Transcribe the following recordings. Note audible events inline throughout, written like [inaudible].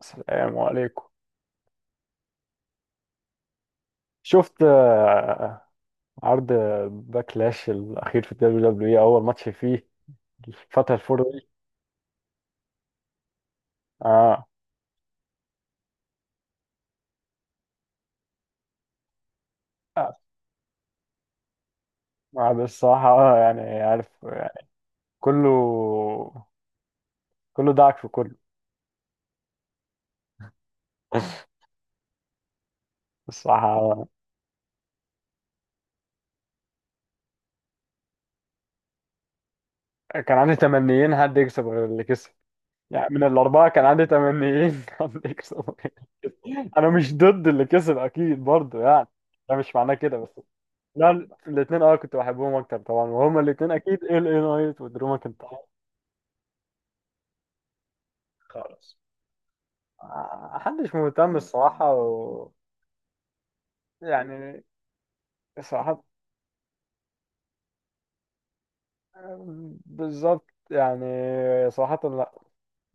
السلام عليكم. شفت عرض باكلاش الأخير في الدبليو دبليو إي؟ أول ماتش فيه الفترة الفوري دي. آه. آه. آه. الصراحة يعني عارف يعني، كله كله دعك في كله. الصراحة كان عندي تمنيين حد يكسب غير اللي كسب. يعني من الأربعة كان عندي تمنيين [laughs] حد يكسب. أنا مش ضد اللي كسب أكيد برضه يعني، ده مش معناه كده بس. لا، الاثنين كنت بحبهم اكتر طبعا، وهما الاثنين اكيد ال اي نايت ودرو ماكنتاير. خالص، محدش مهتم الصراحة و، يعني صراحة. بالظبط يعني. صراحة لا،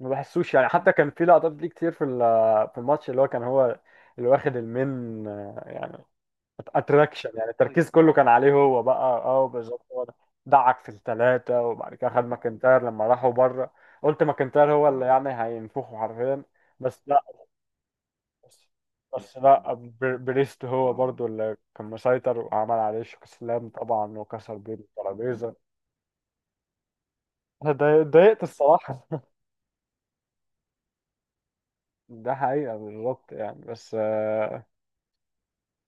ما بحسوش يعني. حتى كان في لقطات ليه كتير في في الماتش اللي هو كان هو اللي واخد المين يعني اتراكشن. يعني التركيز كله كان عليه هو بقى بالظبط هو ده. دعك في الثلاثة، وبعد كده خد ماكنتاير لما راحوا بره. قلت ماكنتاير هو اللي يعني هينفخه حرفيا بس. بس بس لا، بريست هو برضو اللي كان مسيطر، وعمل عليه استسلام طبعا، وكسر بيه الترابيزة. أنا اتضايقت الصراحة. [laughs] ده حقيقة بالظبط يعني بس آه،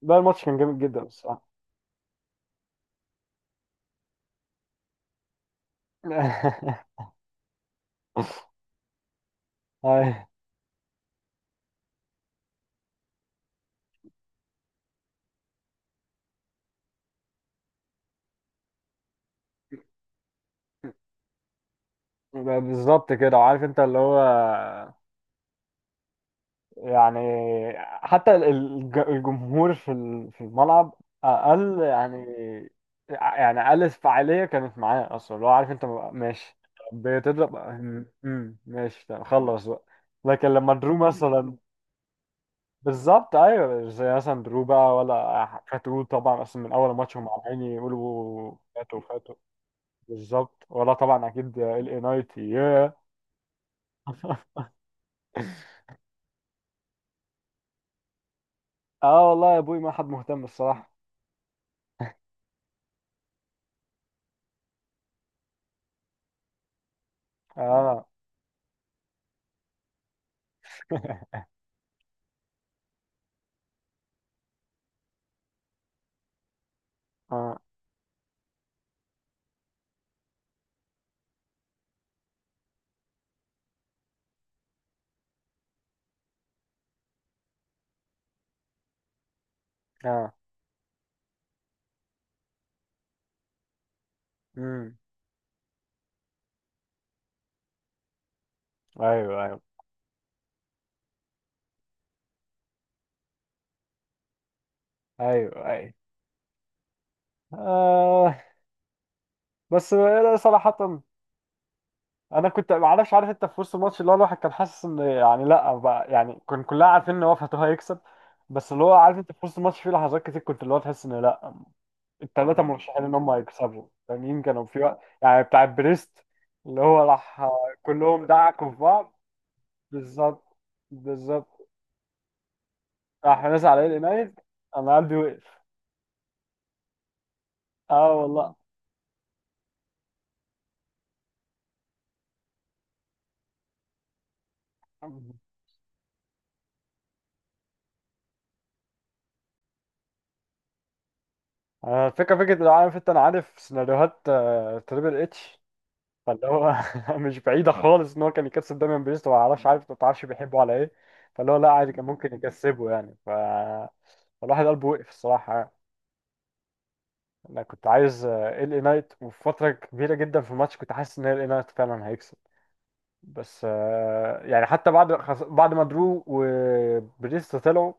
ده الماتش كان جامد جدا الصراحة. [laughs] هاي. بالظبط كده، وعارف انت اللي هو يعني حتى الجمهور في في الملعب اقل يعني. يعني اقل فعاليه كانت معاه اصلا، لو عارف انت ماشي بتضرب. ماشي، طب خلص بقى. لكن لما درو مثلا بالظبط ايوه، زي مثلا درو بقى ولا فاتو طبعا، اصلا من اول ماتش هم عمالين يقولوا فاتو فاتو. بالظبط، ولا طبعا اكيد ال اي نايت ياه. [laughs] اه والله يا ابوي، ما حد مهتم الصراحه. اه. اه. اه. امم. ايوه، ايوه، ايوه، ايوه. آه، بس لا، صراحة انا كنت ما اعرفش. عارف انت في وسط الماتش اللي هو الواحد كان حاسس ان يعني لا بقى، يعني كان كلنا عارفين ان هو فاتو هيكسب. بس اللي هو عارف انت في وسط الماتش في لحظات كتير كنت اللي هو تحس ان لا، الثلاثة مرشحين ان هم هيكسبوا. التانيين كانوا في وقت يعني بتاع بريست. اللي هو راح كلهم دعكوا في بعض. بالظبط. بالظبط. راح نزل على القنايد. انا قلبي وقف. اه والله. آه، فكرة فكرة لو عارف انت، انا عارف سيناريوهات تريبل اتش، فاللي هو [laughs] مش بعيدة خالص ان هو كان يكسب دايما بريست، وما اعرفش. عارف، ما تعرفش بيحبه على ايه. فاللي هو لا عادي كان ممكن يكسبه يعني ف، فالواحد قلبه وقف الصراحة يعني. انا كنت عايز آه، ال اي نايت. وفي فترة كبيرة جدا في الماتش كنت حاسس ان ال اي نايت فعلا هيكسب. بس آه، يعني حتى بعد بعد ما درو وبريست طلعوا،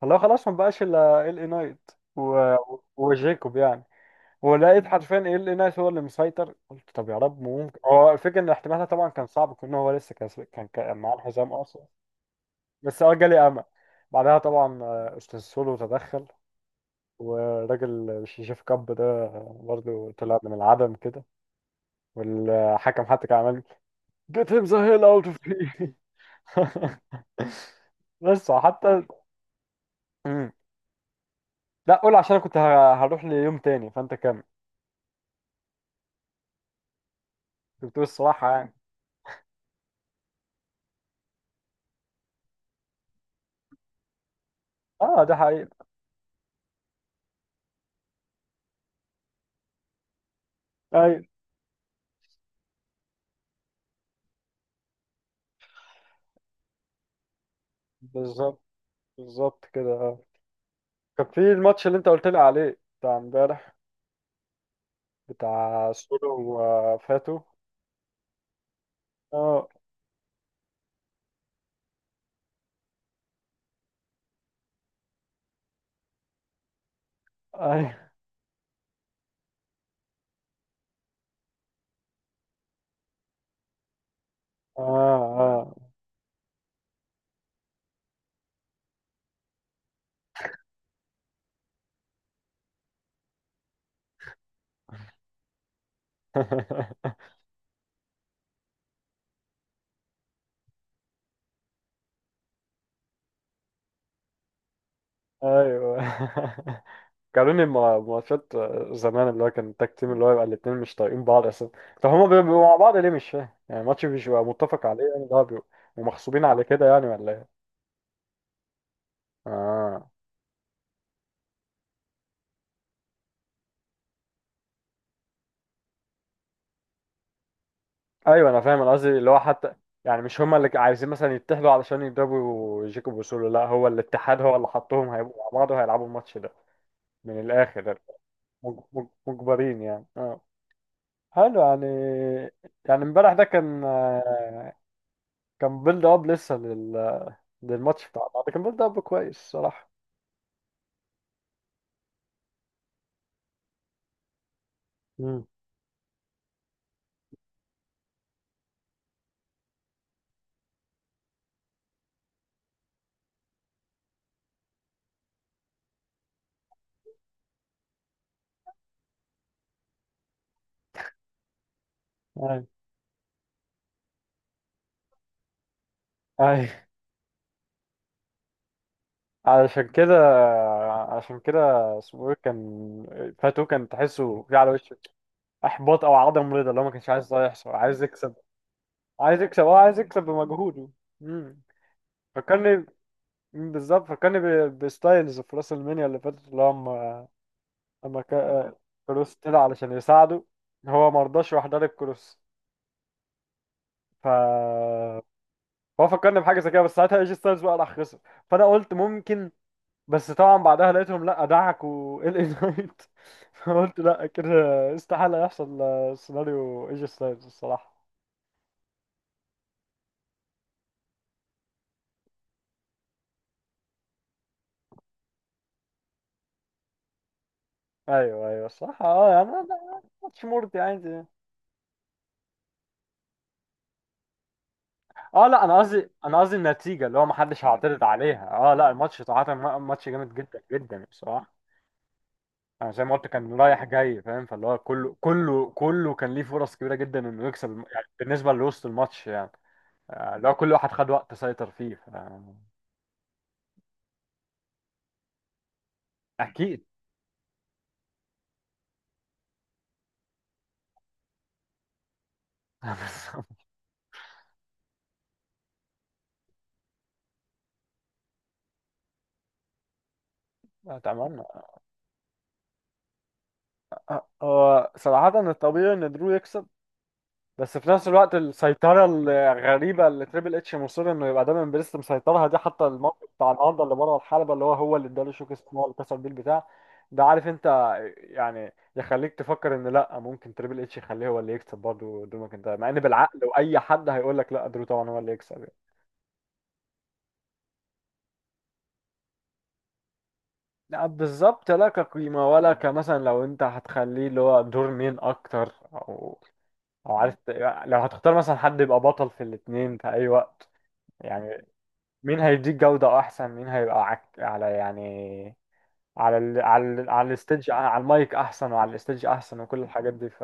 فاللي هو خلاص ما بقاش الا ال اي نايت و، وجيكوب يعني. ولقيت حرفيا ايه اللي ناس، هو اللي مسيطر. قلت طب يا رب ممكن هو. الفكره ان احتمالها طبعا كان صعب، كون هو لسه كان معاه الحزام اصلا. بس جالي امل. بعدها طبعا استاذ سولو تدخل، والراجل الشيشيف كاب ده برضه طلع من العدم كده. والحكم حتى كان عمال get him the hell out of here. [laughs] بس حتى. مم. لا قول، عشان أنا كنت هروح ليوم تاني، فانت كمل. كنت بتقول الصراحه يعني. اه، ده حقيقي. ايوه بالظبط. بالظبط كده اه. كان في الماتش اللي انت قلت لي عليه بتاع امبارح، بتاع سولو وفاتو. اه. ايوه. اه. اه. [laughs] ايوه. [laughs] قالوا لي ماتشات زمان، اللي هو كان التاك تيم اللي هو يبقى الاتنين مش طايقين بعض اساسا. طب هما بيبقوا مع بعض ليه؟ مش فاهم، يعني الماتش مش بيبقى متفق عليه يعني، ده بيبقوا ومغصوبين على كده يعني ولا ايه؟ اه، ايوه انا فاهم، انا قصدي اللي هو حتى يعني مش هما اللي عايزين مثلا يتحدوا علشان يضربوا جيكوب وسولو، لا، هو الاتحاد هو اللي حطهم هيبقوا مع بعض وهيلعبوا الماتش ده. من الاخر مجبرين يعني، اه. حلو يعني. يعني امبارح ده كان آه، كان بيلد اب لسه للماتش بتاع بعض. كان بيلد اب كويس صراحة. امم اي، اي علشان كده، عشان كده. اسمه ايه، كان فاتو كان تحسه في على وشه احباط او عدم رضا، اللي هو ما كانش عايز ده يحصل، عايز يكسب. عايز يكسب عايز يكسب بمجهوده. امم. فكرني. مم، بالظبط فكرني بستايلز في راس المنيا اللي فاتت، اللي هو اما كروس طلع علشان يساعده، هو ما رضاش، راح ضارب كروس. ف، هو فكرني بحاجه زي كده، بس ساعتها ايجي ستايلز بقى راح خسر، فانا قلت ممكن. بس طبعا بعدها لقيتهم لا، دعكوا ال اي نايت. [laughs] فقلت لا، كده استحاله يحصل سيناريو ايجي ستايلز الصراحه. ايوه، ايوه الصراحه اه، يعني ماتش مرضي يعني. اه لا، انا قصدي النتيجه اللي هو ما حدش هيعترض عليها. اه لا، الماتش صراحه ماتش جامد جدا جدا بصراحه. انا زي ما قلت كان رايح جاي فاهم، فاللي هو كله كله كله كان ليه فرص كبيره جدا انه يكسب يعني بالنسبه لوسط الماتش يعني. اللي هو كل واحد خد وقت سيطر فيه ف. اكيد. [laughs] بس. اتمنى. هو صراحه الطبيعي ان درو يكسب، بس في نفس الوقت السيطرة الغريبة اللي تريبل اتش مصر انه يبقى دايما بريست مسيطرها دي، حتى الموقف بتاع النهارده اللي بره الحلبة اللي هو اللي اداله شوك اسمه، هو اللي كسر بيه البتاع ده، عارف انت. يعني يخليك تفكر ان لا، ممكن تريبل اتش يخليه هو اللي يكسب برضه درو ماكنتاير، مع ان بالعقل واي حد هيقول لك لا، درو طبعا هو اللي يكسب يعني. لا بالظبط، لا كقيمة ولا كمثلا لو انت هتخليه اللي هو دور مين اكتر، او او عارف، لو هتختار مثلا حد يبقى بطل في الاتنين في اي وقت، يعني مين هيديك جودة أحسن، مين هيبقى على يعني، على الستيج، على المايك أحسن، وعلى الستيج أحسن، وكل الحاجات دي ف.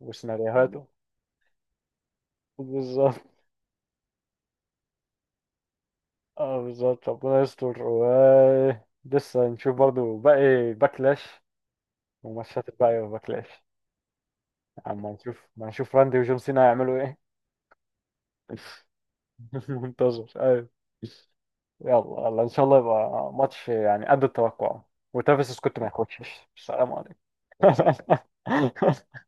وسيناريوهاته. بالظبط. اه بالظبط، ربنا يستر. و لسه نشوف برضو باقي باكلاش، وماتشات الباقي وباكلاش. اما نشوف ما نشوف راندي وجون سينا هيعملوا ايه. [laughs] منتظر، ايوه. يلا يلا، ان شاء الله يبقى ماتش يعني قد التوقع، وتافيس سكوت ما ياخدش. السلام عليكم. [laughs]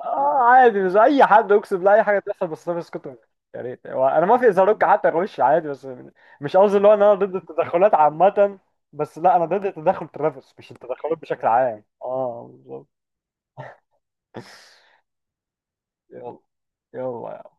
اه، عادي مش اي حد، اقسم بالله اي حاجه تحصل بس انا مش كنت. يا ريت، هو انا ما في ازاروك حتى اخش عادي بس. مش قصدي اللي هو ان انا ضد التدخلات عامه، بس لا، انا ضد تدخل ترافيس مش التدخلات بشكل عام، اه بالظبط. يلا. يلا.